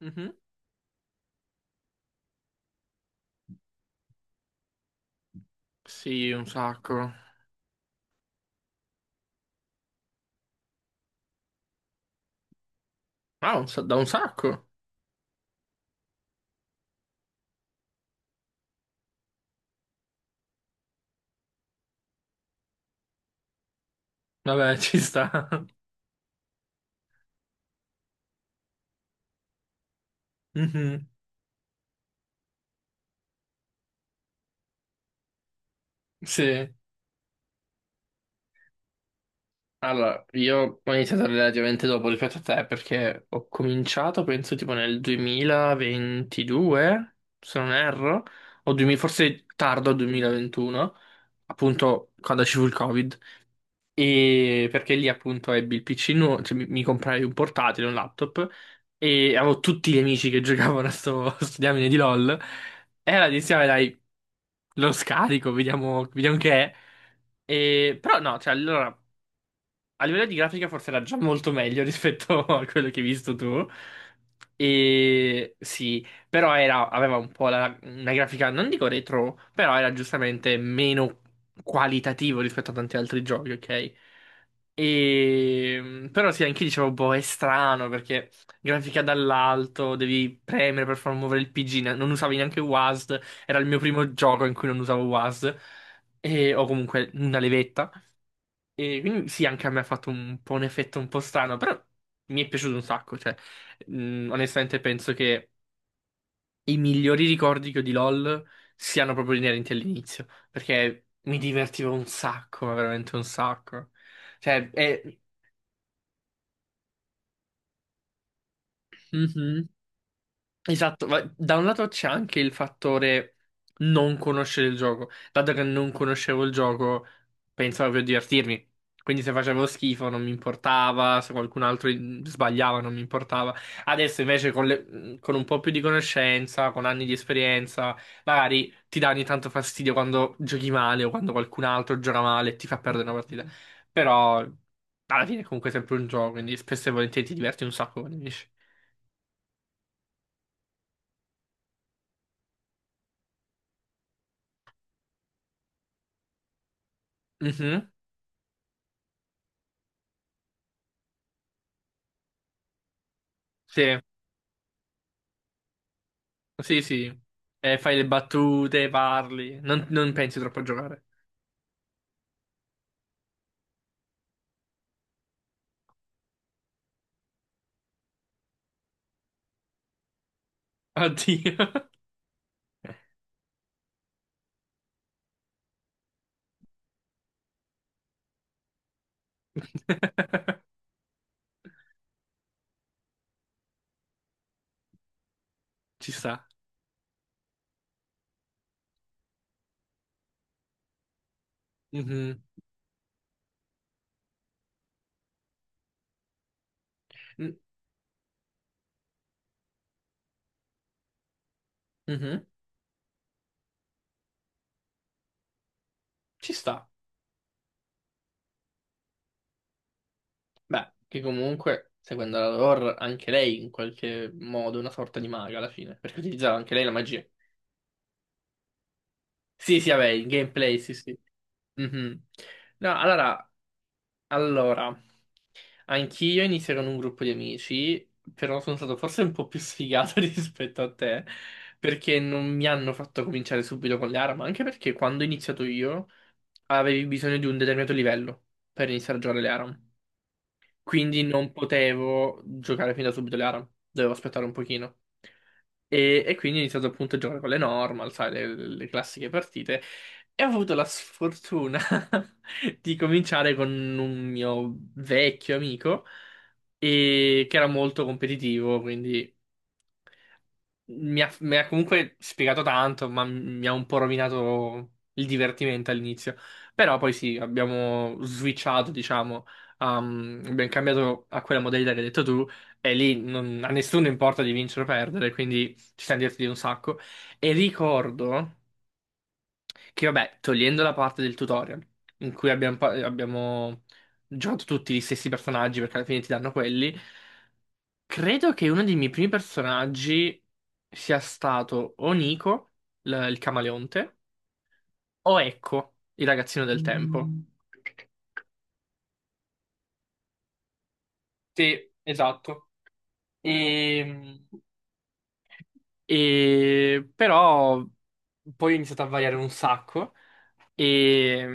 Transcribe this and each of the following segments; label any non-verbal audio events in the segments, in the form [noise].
Mhm. Sì, un sacco. Ah, da un sacco. Vabbè, [laughs] ci sta. Mhm. Sì. Allora, io ho iniziato relativamente dopo rispetto a te perché ho cominciato, penso, tipo nel 2022, se non erro, o 2000 forse tardo 2021, appunto quando ci fu il Covid. E perché lì appunto ebbi il PC, cioè, mi comprai un portatile, un laptop e avevo tutti gli amici che [laughs] giocavano a a sto diamine di LOL. E allora dissi, "Vabbè, dai, lo scarico, vediamo che è. Però no, cioè allora. A livello di grafica forse era già molto meglio rispetto [laughs] a quello che hai visto tu. E sì, però aveva un po' una grafica, non dico retro, però era giustamente meno qualitativo rispetto a tanti altri giochi, ok? E, però sì, anche io dicevo, boh, è strano perché grafica dall'alto, devi premere per far muovere il PG, non usavi neanche WASD, era il mio primo gioco in cui non usavo WASD, e, o comunque una levetta. E quindi sì, anche a me ha fatto un po' un effetto un po' strano, però mi è piaciuto un sacco, cioè, onestamente penso che i migliori ricordi che ho di LoL siano proprio inerenti all'inizio, perché mi divertivo un sacco, ma veramente un sacco. Cioè, è... Mhm. Esatto, ma da un lato c'è anche il fattore non conoscere il gioco. Dato che non conoscevo il gioco, pensavo per divertirmi. Quindi se facevo schifo non mi importava, se qualcun altro sbagliava non mi importava. Adesso invece con un po' più di conoscenza, con anni di esperienza, magari ti dà ogni tanto fastidio quando giochi male o quando qualcun altro gioca male e ti fa perdere una partita. Però alla fine è comunque sempre un gioco, quindi spesso e volentieri ti diverti un sacco quando vinci. Mhm. Sì. Sì, sì. Fai le battute, parli. Non pensi troppo a giocare. Oddio. [laughs] Ci sta. Mhm. Mm, mhm. Ci sta. Beh, che comunque, seguendo la lore, anche lei in qualche modo è una sorta di maga alla fine, perché utilizzava anche lei la magia. Sì, sì, vabbè, il gameplay, sì, sì. Mhm. No, allora, allora. Anch'io inizierò in un gruppo di amici, però sono stato forse un po' più sfigato [laughs] rispetto a te, perché non mi hanno fatto cominciare subito con le armi, anche perché quando ho iniziato io avevi bisogno di un determinato livello per iniziare a giocare le ARAM. Quindi non potevo giocare fin da subito le ARAM, dovevo aspettare un pochino. E quindi ho iniziato appunto a giocare con le normal, sai, le classiche partite. E ho avuto la sfortuna [laughs] di cominciare con un mio vecchio amico, che era molto competitivo, quindi mi ha comunque spiegato tanto, ma mi ha un po' rovinato il divertimento all'inizio. Però poi sì, abbiamo switchato, diciamo, abbiamo cambiato a quella modalità che hai detto tu, e lì a nessuno importa di vincere o perdere, quindi ci siamo divertiti un sacco. E ricordo che, vabbè, togliendo la parte del tutorial, in cui abbiamo giocato tutti gli stessi personaggi, perché alla fine ti danno quelli. Credo che uno dei miei primi personaggi sia stato o Nico, il camaleonte, o Ecco, il ragazzino del tempo. Mm. Sì, esatto. E, Però poi ho iniziato a variare un sacco. E,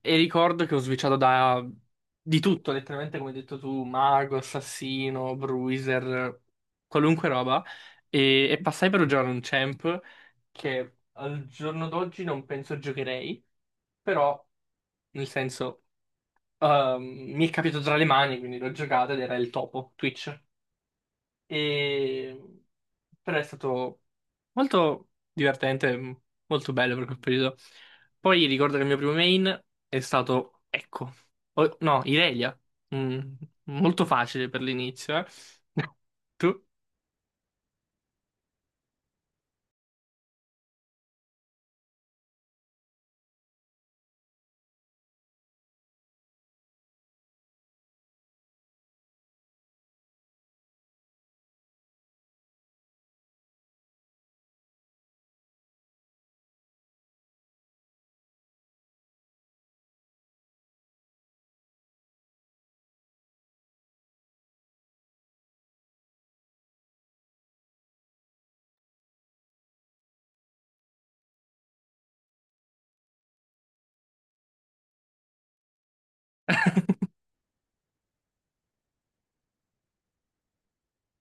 e ricordo che ho switchato da di tutto, letteralmente come hai detto tu, mago, assassino, bruiser, qualunque roba. E passai per giocare un champ che al giorno d'oggi non penso giocherei, però nel senso ehm, mi è capitato tra le mani, quindi l'ho giocato ed era il topo, Twitch. E però è stato molto divertente, molto bello per quel periodo. Poi ricordo che il mio primo main è stato Ecco. No, Irelia. Mm, molto facile per l'inizio, eh. [laughs] Tu?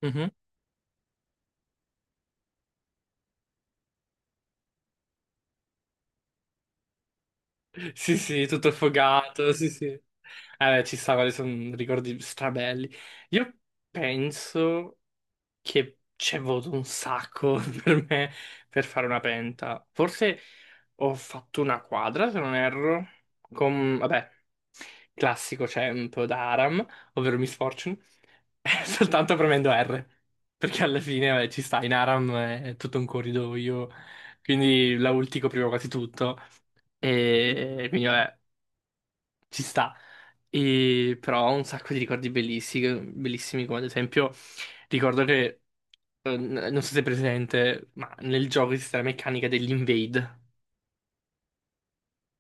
Mhm. Sì, sì, tutto affogato, sì, sì. Beh, ci sta, quali sono ricordi strabelli. Io penso che c'è voluto un sacco [laughs] per me per fare una penta. Forse ho fatto una quadra, se non erro, con, vabbè, classico tempo da Aram, ovvero Miss Fortune, [laughs] soltanto premendo R, perché alla fine, vabbè, ci sta, in Aram è tutto un corridoio, quindi la ultico prima quasi tutto, e quindi vabbè, ci sta, e, però ho un sacco di ricordi bellissimi, bellissimi come ad esempio ricordo che, non so se è presente, ma nel gioco esiste la meccanica dell'invade.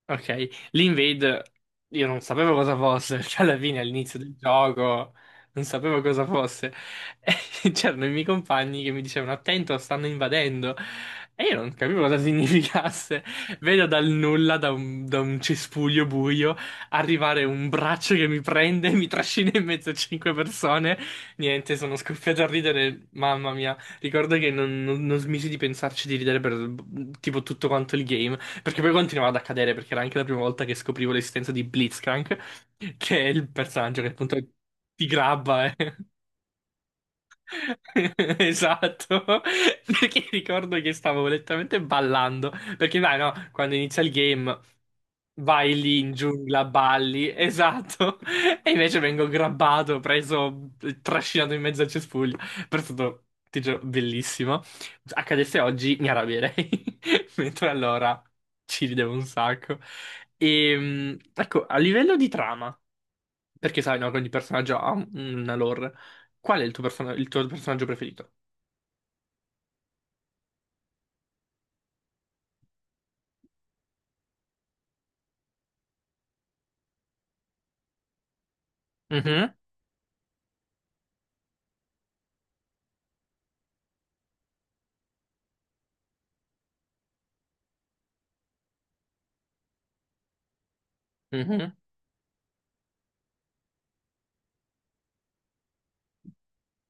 Ok, l'Invade io non sapevo cosa fosse, [laughs] cioè alla fine all'inizio del gioco non sapevo cosa fosse. E [laughs] c'erano i miei compagni che mi dicevano attento, stanno invadendo. E io non capivo cosa [laughs] significasse. Vedo dal nulla, da un cespuglio buio, arrivare un braccio che mi prende, mi trascina in mezzo a cinque persone. Niente, sono scoppiato a ridere, mamma mia. Ricordo che non non smisi di pensarci di ridere per tipo tutto quanto il game. Perché poi continuava ad accadere, perché era anche la prima volta che scoprivo l'esistenza di Blitzcrank, che è il personaggio che appunto ti grabba. Eh. [laughs] Esatto, [laughs] perché ricordo che stavo letteralmente ballando, perché vai no, quando inizia il game vai lì in giungla, balli, esatto, [laughs] e invece vengo grabbato, preso, trascinato in mezzo al cespuglio, però è stato, ti giuro, bellissimo. Accadesse oggi mi arrabbierei, [laughs] mentre allora ci ridevo un sacco. E, ecco, a livello di trama. Perché sai, no, che ogni personaggio ha una lore. Qual è il il tuo personaggio preferito? Mhm, mhm.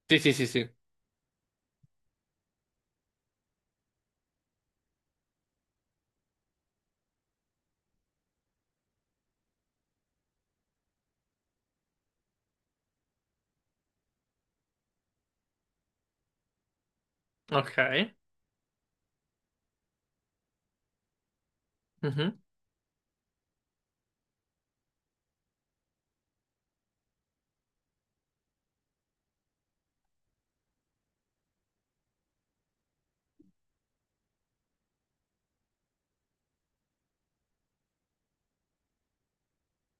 Sì, sì, sì, sì. Ok. Mhm.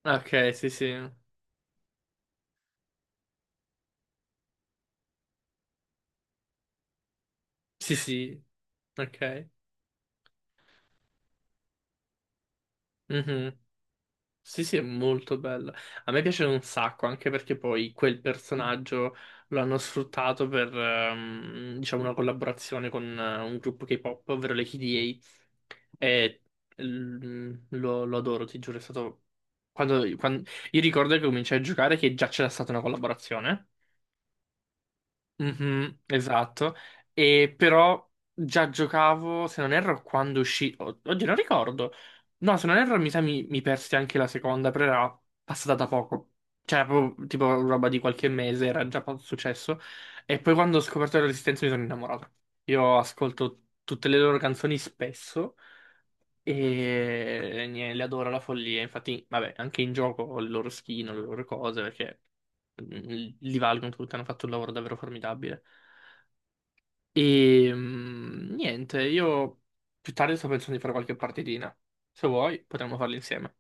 Ok, sì, sì. Sì, sì. Ok. Mhm. Sì, sì, è molto bella. A me piace un sacco, anche perché poi quel personaggio lo hanno sfruttato per, diciamo, una collaborazione con un gruppo K-pop, ovvero le KDA. E lo adoro, ti giuro, è stato... Quando, quan- Io ricordo che cominciai a giocare che già c'era stata una collaborazione. Mhm, esatto, e però già giocavo, se non erro, quando uscì, oddio non ricordo, no se non erro mi sa mi persi anche la seconda, però era passata da poco, cioè era proprio tipo roba di qualche mese, era già successo, e poi quando ho scoperto la Resistenza mi sono innamorato, io ascolto tutte le loro canzoni spesso e niente, le adoro alla follia, infatti vabbè anche in gioco ho le loro skin, ho le loro cose perché li valgono tutti, hanno fatto un lavoro davvero formidabile. E niente, io più tardi sto pensando di fare qualche partitina. Se vuoi, potremmo farle insieme.